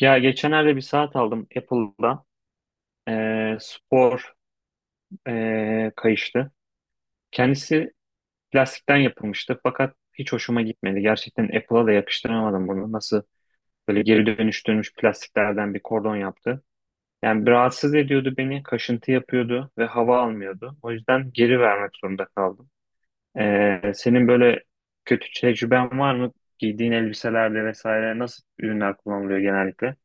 Ya geçenlerde bir saat aldım Apple'da. Spor kayıştı. Kendisi plastikten yapılmıştı fakat hiç hoşuma gitmedi. Gerçekten Apple'a da yakıştıramadım bunu. Nasıl böyle geri dönüştürülmüş plastiklerden bir kordon yaptı. Yani bir rahatsız ediyordu beni, kaşıntı yapıyordu ve hava almıyordu. O yüzden geri vermek zorunda kaldım. Senin böyle kötü tecrüben var mı? Giydiğin elbiselerde vesaire nasıl ürünler kullanılıyor genellikle?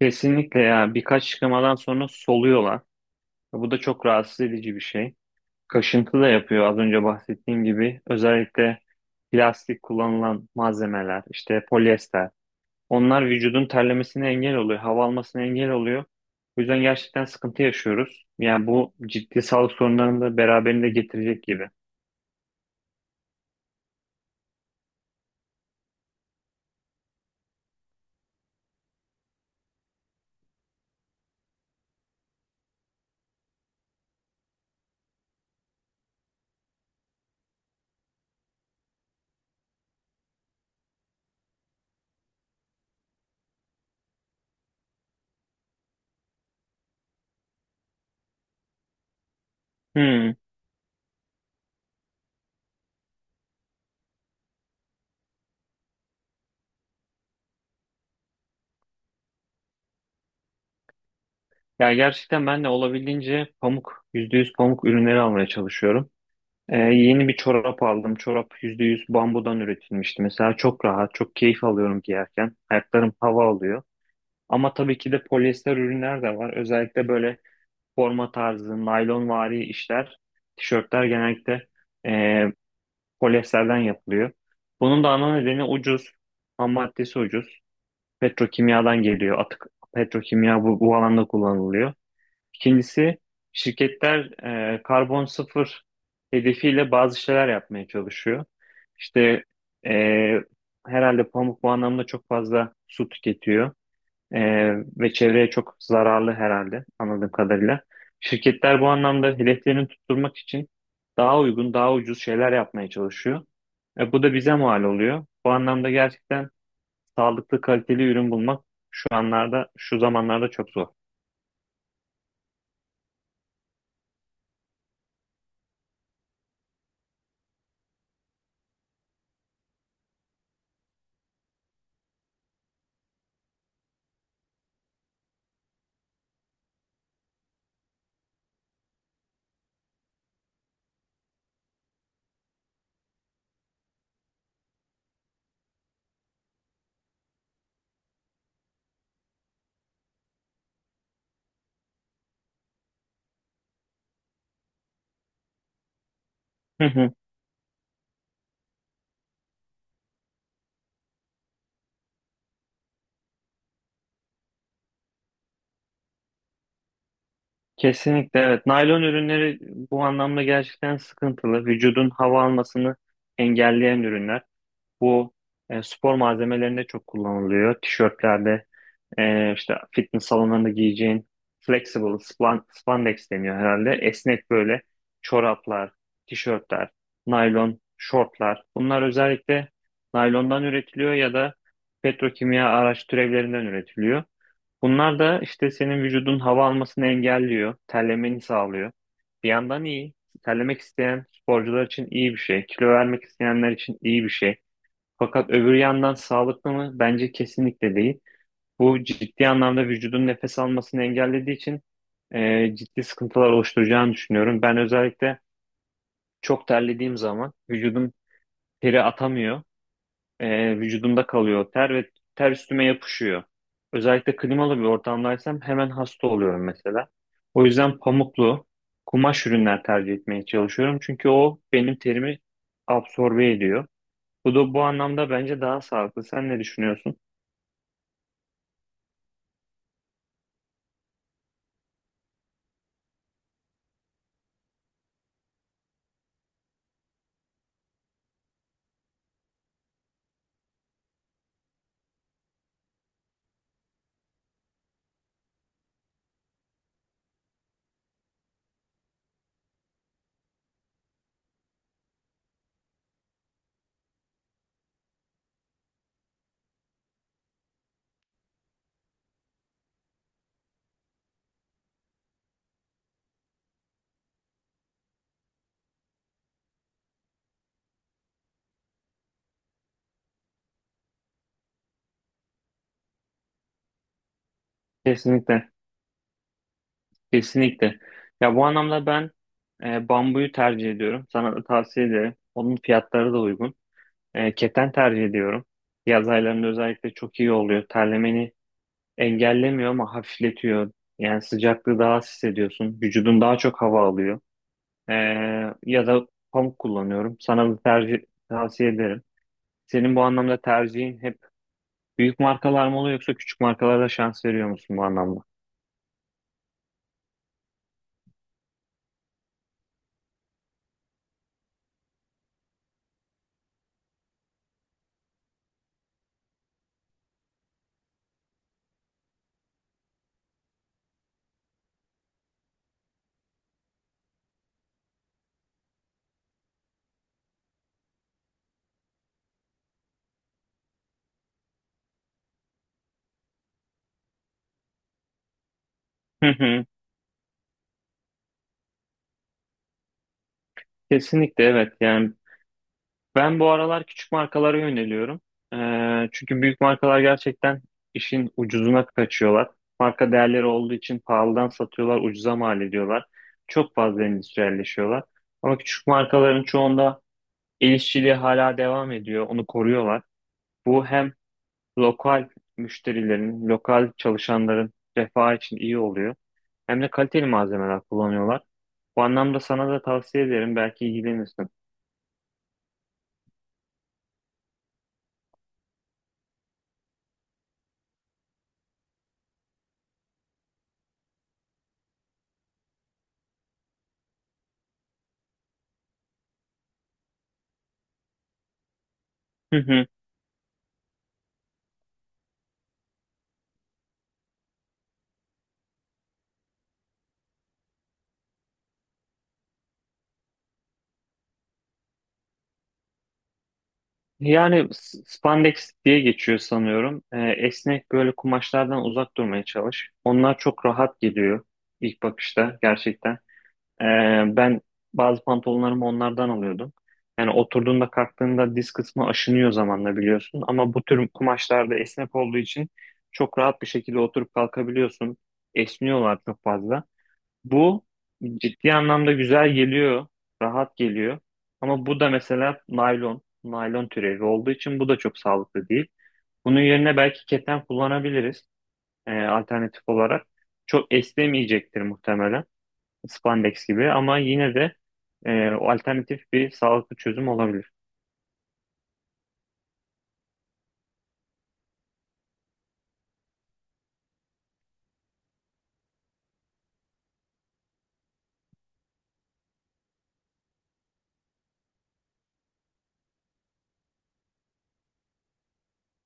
Kesinlikle, ya birkaç çıkamadan sonra soluyorlar. Bu da çok rahatsız edici bir şey. Kaşıntı da yapıyor, az önce bahsettiğim gibi. Özellikle plastik kullanılan malzemeler, işte polyester. Onlar vücudun terlemesine engel oluyor, hava almasına engel oluyor. O yüzden gerçekten sıkıntı yaşıyoruz. Yani bu ciddi sağlık sorunlarını da beraberinde getirecek gibi. Hmm. Ya gerçekten ben de olabildiğince pamuk, %100 pamuk ürünleri almaya çalışıyorum. Yeni bir çorap aldım. Çorap %100 bambudan üretilmişti. Mesela çok rahat, çok keyif alıyorum giyerken. Ayaklarım hava alıyor. Ama tabii ki de polyester ürünler de var. Özellikle böyle forma tarzı, naylonvari işler, tişörtler genellikle e, polyesterden yapılıyor. Bunun da ana nedeni ucuz, ham maddesi ucuz. Petrokimyadan geliyor. Atık petrokimya bu alanda kullanılıyor. İkincisi şirketler karbon sıfır hedefiyle bazı şeyler yapmaya çalışıyor. İşte e, herhalde pamuk bu anlamda çok fazla su tüketiyor e, ve çevreye çok zararlı, herhalde anladığım kadarıyla. Şirketler bu anlamda hedeflerini tutturmak için daha uygun, daha ucuz şeyler yapmaya çalışıyor. Bu da bize mal oluyor. Bu anlamda gerçekten sağlıklı, kaliteli ürün bulmak şu zamanlarda çok zor. Kesinlikle, evet. Naylon ürünleri bu anlamda gerçekten sıkıntılı. Vücudun hava almasını engelleyen ürünler. Bu spor malzemelerinde çok kullanılıyor. Tişörtlerde, işte fitness salonlarında giyeceğin spandex deniyor herhalde. Esnek böyle çoraplar, tişörtler, naylon şortlar. Bunlar özellikle naylondan üretiliyor ya da petrokimya araç türevlerinden üretiliyor. Bunlar da işte senin vücudun hava almasını engelliyor, terlemeni sağlıyor. Bir yandan iyi. Terlemek isteyen sporcular için iyi bir şey, kilo vermek isteyenler için iyi bir şey. Fakat öbür yandan sağlıklı mı? Bence kesinlikle değil. Bu ciddi anlamda vücudun nefes almasını engellediği için ciddi sıkıntılar oluşturacağını düşünüyorum. Ben özellikle çok terlediğim zaman vücudum teri atamıyor, vücudumda kalıyor. Ter ve üstüme yapışıyor. Özellikle klimalı bir ortamdaysam hemen hasta oluyorum mesela. O yüzden pamuklu kumaş ürünler tercih etmeye çalışıyorum. Çünkü o benim terimi absorbe ediyor. Bu da bu anlamda bence daha sağlıklı. Sen ne düşünüyorsun? Kesinlikle. Kesinlikle. Ya bu anlamda ben bambuyu tercih ediyorum. Sana da tavsiye ederim. Onun fiyatları da uygun. E, keten tercih ediyorum. Yaz aylarında özellikle çok iyi oluyor. Terlemeni engellemiyor ama hafifletiyor. Yani sıcaklığı daha az hissediyorsun. Vücudun daha çok hava alıyor. Ee, Ya da pamuk kullanıyorum. Sana da tavsiye ederim. Senin bu anlamda tercihin hep büyük markalar mı oluyor, yoksa küçük markalara da şans veriyor musun bu anlamda? Hı hı. Kesinlikle evet. Yani ben bu aralar küçük markalara yöneliyorum. Çünkü büyük markalar gerçekten işin ucuzuna kaçıyorlar. Marka değerleri olduğu için pahalıdan satıyorlar, ucuza mal ediyorlar. Çok fazla endüstriyelleşiyorlar. Ama küçük markaların çoğunda el işçiliği hala devam ediyor, onu koruyorlar. Bu hem lokal müşterilerin, lokal çalışanların refahı için iyi oluyor. Hem de kaliteli malzemeler kullanıyorlar. Bu anlamda sana da tavsiye ederim, belki ilgilenirsin. Yani spandex diye geçiyor sanıyorum. Esnek böyle kumaşlardan uzak durmaya çalış. Onlar çok rahat geliyor ilk bakışta gerçekten. Ee, Ben bazı pantolonlarımı onlardan alıyordum. Yani oturduğunda, kalktığında diz kısmı aşınıyor zamanla, biliyorsun. Ama bu tür kumaşlarda esnek olduğu için çok rahat bir şekilde oturup kalkabiliyorsun. Esniyorlar çok fazla. Bu ciddi anlamda güzel geliyor, rahat geliyor. Ama bu da mesela naylon, naylon türevi olduğu için bu da çok sağlıklı değil. Bunun yerine belki keten kullanabiliriz alternatif olarak. Çok esnemeyecektir muhtemelen spandex gibi, ama yine de o alternatif bir sağlıklı çözüm olabilir.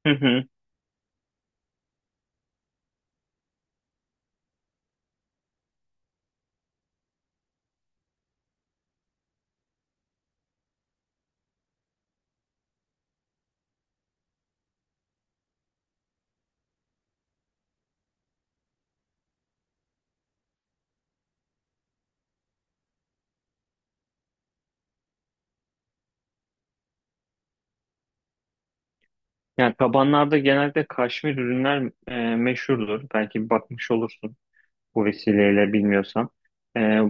Hı hı. Yani tabanlarda genelde kaşmir ürünler meşhurdur. Belki bakmış olursun bu vesileyle, bilmiyorsan. E,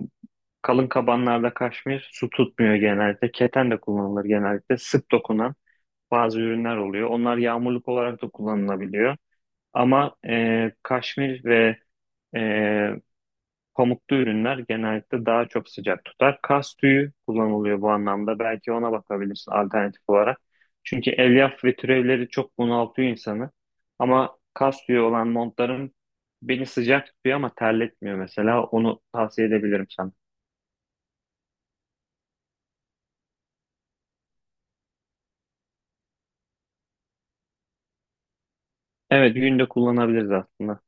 Kalın kabanlarda kaşmir su tutmuyor genelde. Keten de kullanılır genellikle. Sık dokunan bazı ürünler oluyor. Onlar yağmurluk olarak da kullanılabiliyor. Ama kaşmir ve e, pamuklu ürünler genellikle daha çok sıcak tutar. Kas tüyü kullanılıyor bu anlamda. Belki ona bakabilirsin alternatif olarak. Çünkü elyaf ve türevleri çok bunaltıyor insanı. Ama kas tüyü olan montların beni sıcak tutuyor ama terletmiyor mesela. Onu tavsiye edebilirim sana. Evet, günde kullanabiliriz aslında.